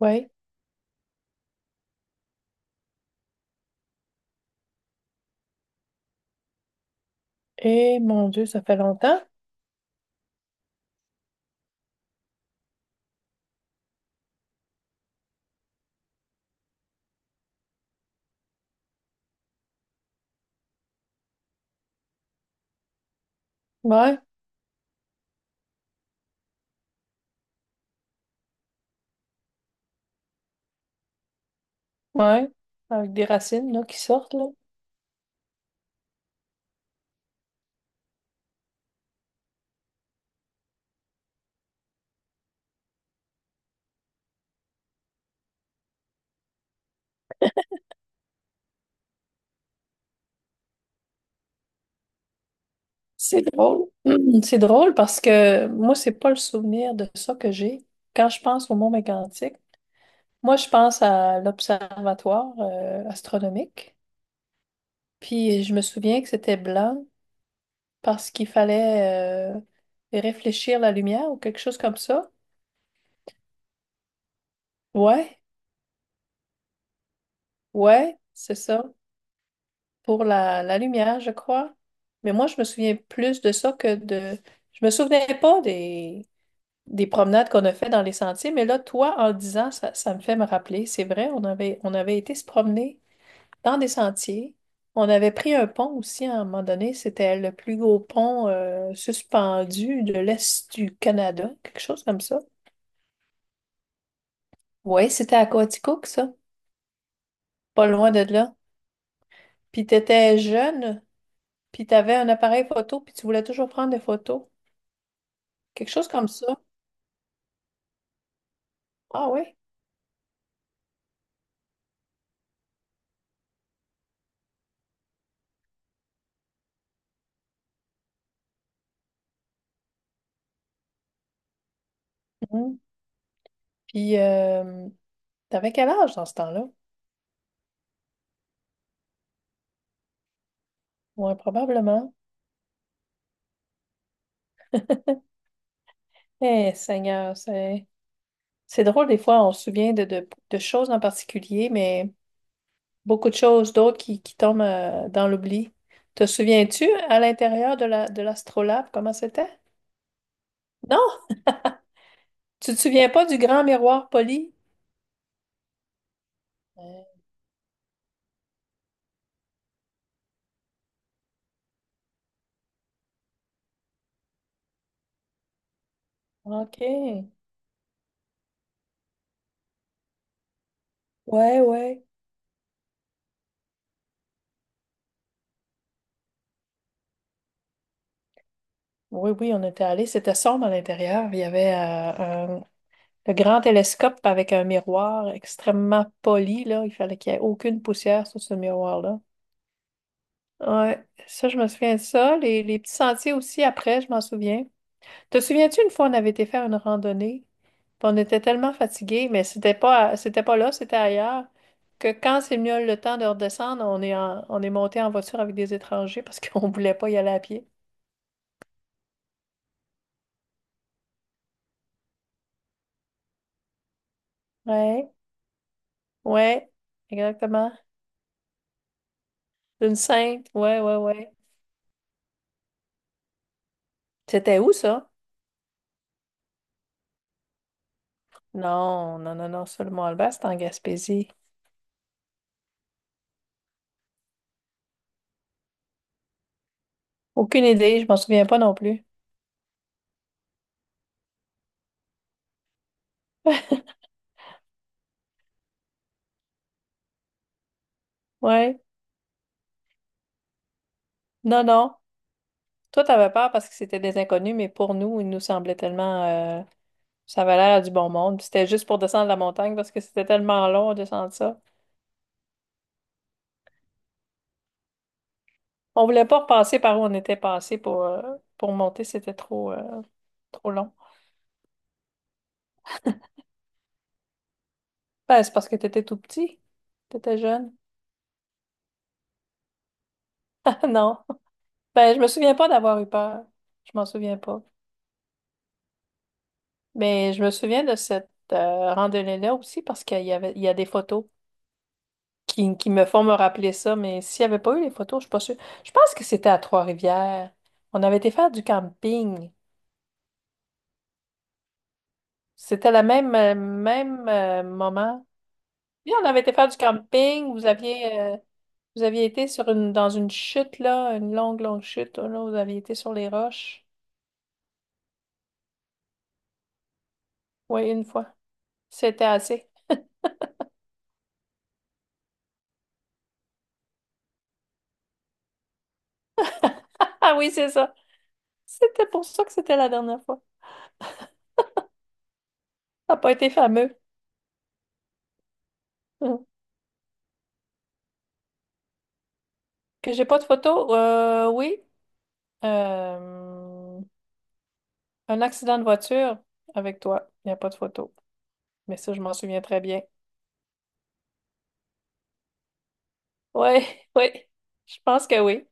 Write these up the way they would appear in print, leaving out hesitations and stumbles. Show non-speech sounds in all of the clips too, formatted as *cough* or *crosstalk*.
Ouais. Et mon Dieu, ça fait longtemps. Ouais, ouais. Avec des racines là, qui sortent, là. C'est drôle. *clears throat* C'est drôle parce que moi, c'est pas le souvenir de ça que j'ai. Quand je pense au Mont Mégantic, moi, je pense à l'observatoire astronomique. Puis je me souviens que c'était blanc parce qu'il fallait réfléchir la lumière ou quelque chose comme ça. Ouais, ouais, c'est ça. Pour la lumière, je crois. Mais moi, je me souviens plus de ça que de... Je me souvenais pas des promenades qu'on a fait dans les sentiers, mais là, toi, en le disant, ça me fait me rappeler. C'est vrai, on avait été se promener dans des sentiers. On avait pris un pont aussi à un moment donné. C'était le plus gros pont suspendu de l'Est du Canada, quelque chose comme ça. Oui, c'était à Coaticook, ça, pas loin de là. Puis t'étais jeune, puis t'avais un appareil photo, puis tu voulais toujours prendre des photos. Quelque chose comme ça. Ah ouais. Mhm. Puis, t'avais quel âge dans ce temps-là? Ouais, probablement. Eh, Seigneur, c'est drôle, des fois, on se souvient de choses en particulier, mais beaucoup de choses d'autres qui tombent dans l'oubli. Te souviens-tu à l'intérieur de de l'astrolabe, comment c'était? Non, tu te souviens pas du grand miroir poli? Euh, OK. Ouais, ouais. Oui, oui, on était allés. C'était sombre à l'intérieur. Il y avait le grand télescope avec un miroir extrêmement poli, là. Il fallait qu'il n'y ait aucune poussière sur ce miroir-là. Ouais, ça, je me souviens de ça. Les petits sentiers aussi, après, je m'en souviens. Te souviens-tu, une fois, on avait été faire une randonnée, puis on était tellement fatigués, mais c'était pas, c'était pas là, c'était ailleurs, que quand c'est venu le temps de redescendre, on est monté en voiture avec des étrangers parce qu'on *laughs* voulait pas y aller à pied. Ouais. Ouais, exactement. Une sainte, ouais, ouais, ouais. C'était où ça? Non, non, non, non, ça, le Mont-Alban, c'était en Gaspésie. Aucune idée, je m'en souviens pas non plus. *laughs* Ouais, non, non. Toi, t'avais peur parce que c'était des inconnus, mais pour nous, il nous semblait tellement... ça avait l'air du bon monde. Puis c'était juste pour descendre la montagne parce que c'était tellement long de descendre ça. On voulait pas repasser par où on était passé pour monter, c'était trop, trop long. Ben, c'est parce que t'étais tout petit, t'étais jeune. *laughs* Non. Ben, je me souviens pas d'avoir eu peur. Je m'en souviens pas. Mais je me souviens de cette randonnée-là aussi parce qu'il y avait, il y a des photos qui me font me rappeler ça. Mais s'il n'y avait pas eu les photos, je suis pas sûre. Je pense que c'était à Trois-Rivières. On avait été faire du camping. C'était le même, même moment. Oui, on avait été faire du camping. Vous aviez été sur une, dans une chute, là, longue chute. Là, vous aviez été sur les roches. Oui, une fois. C'était assez. *laughs* Ah oui, c'est ça. C'était pour ça que c'était la dernière fois. Ça n'a pas été fameux. *laughs* Hum. Que j'ai pas de photo? Oui. Euh, un accident de voiture avec toi. Il n'y a pas de photo. Mais ça, je m'en souviens très bien. Oui, *laughs* oui. Je pense que oui.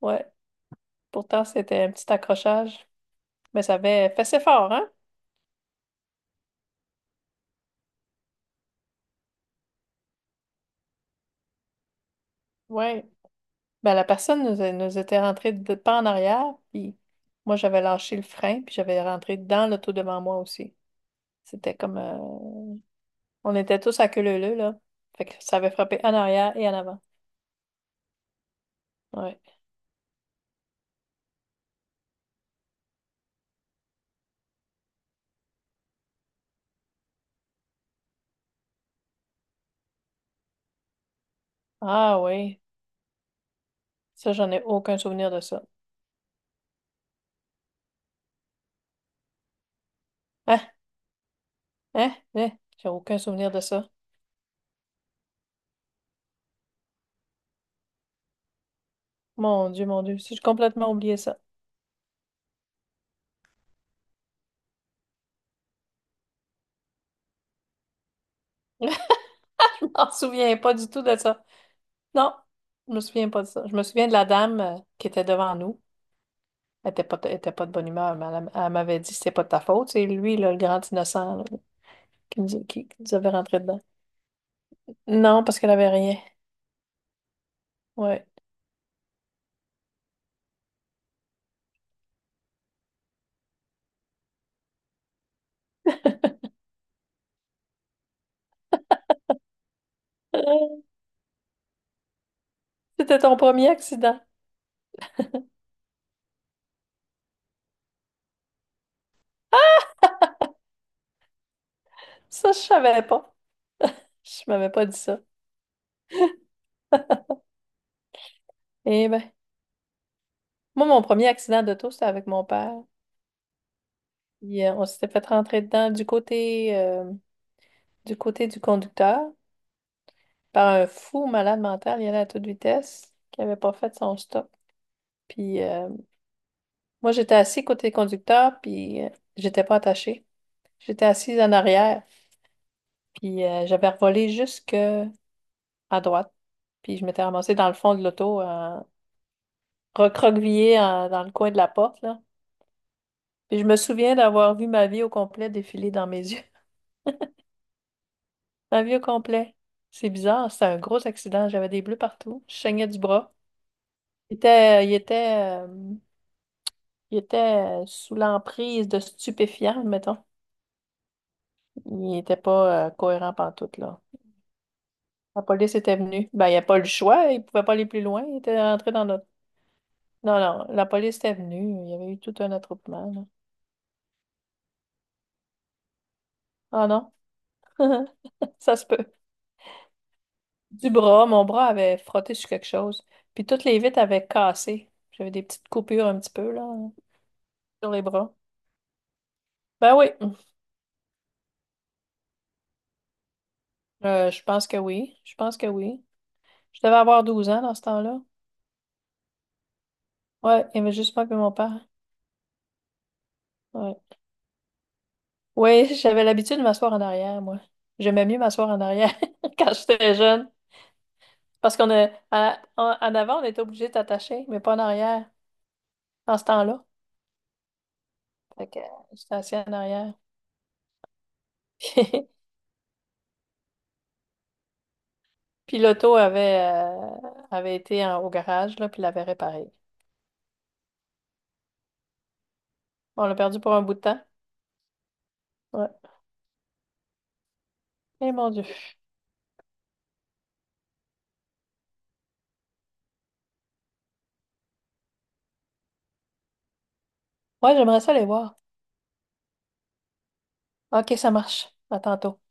Ouais. Pourtant, c'était un petit accrochage. Mais ça avait fait ses fort, hein? Oui. Ben, la personne nous, est- nous était rentrée de pas en arrière, puis moi, j'avais lâché le frein, puis j'avais rentré dans l'auto devant moi aussi. C'était comme... on était tous à queue leu leu, là. Fait que ça avait frappé en arrière et en avant. Ouais. Ah oui. Ça, j'en ai aucun souvenir de ça. Hein? Hein? Hein? J'ai aucun souvenir de ça. Mon Dieu, mon Dieu. J'ai complètement oublié ça. *laughs* Je m'en souviens pas du tout de ça. Non, je me souviens pas de ça. Je me souviens de la dame qui était devant nous. Elle était pas de bonne humeur, mais elle m'avait dit c'est pas de ta faute. C'est lui, là, le grand innocent, là, qui nous avait rentré dedans. Non, parce qu'elle avait rien. Ouais. *laughs* C'était ton premier accident. Ça, je savais pas. Je m'avais pas dit ça. Eh ben, moi, mon premier accident d'auto, c'était avec mon père. On s'était fait rentrer dedans du côté, du côté du conducteur par un fou malade mental. Il allait à toute vitesse, qui avait pas fait son stop. Puis moi, j'étais assise côté conducteur, puis j'étais pas attachée. J'étais assise en arrière, puis j'avais revolé jusque à droite. Puis je m'étais ramassée dans le fond de l'auto, recroquevillée dans le coin de la porte, là. Puis je me souviens d'avoir vu ma vie au complet défiler dans mes yeux. *laughs* Ma vie au complet. C'est bizarre, c'était un gros accident. J'avais des bleus partout. Je saignais du bras. Il était, il était, euh, il était sous l'emprise de stupéfiants, mettons. Il n'était pas cohérent pantoute, là. La police était venue. Ben, il n'y a pas eu le choix. Il ne pouvait pas aller plus loin. Il était rentré dans notre... Non, non, la police était venue. Il y avait eu tout un attroupement, là. Ah non, *laughs* ça se peut. Du bras, mon bras avait frotté sur quelque chose. Puis toutes les vitres avaient cassé. J'avais des petites coupures un petit peu, là, sur les bras. Ben oui, je pense que oui. Je pense que oui. Je devais avoir 12 ans dans ce temps-là. Ouais, il y avait juste moi et mon père. Ouais. Oui, *laughs* j'avais l'habitude de m'asseoir en arrière, moi. J'aimais mieux m'asseoir en arrière *laughs* quand j'étais jeune. Parce qu'on a, en avant, on était obligé de t'attacher, mais pas en arrière, dans ce temps-là. Fait que j'étais assis en arrière. *laughs* Puis l'auto avait été au garage, là, puis l'avait réparé. Bon, on l'a perdu pour un bout de temps. Ouais. Eh mon Dieu. Ouais, j'aimerais ça les voir. OK, ça marche. À tantôt.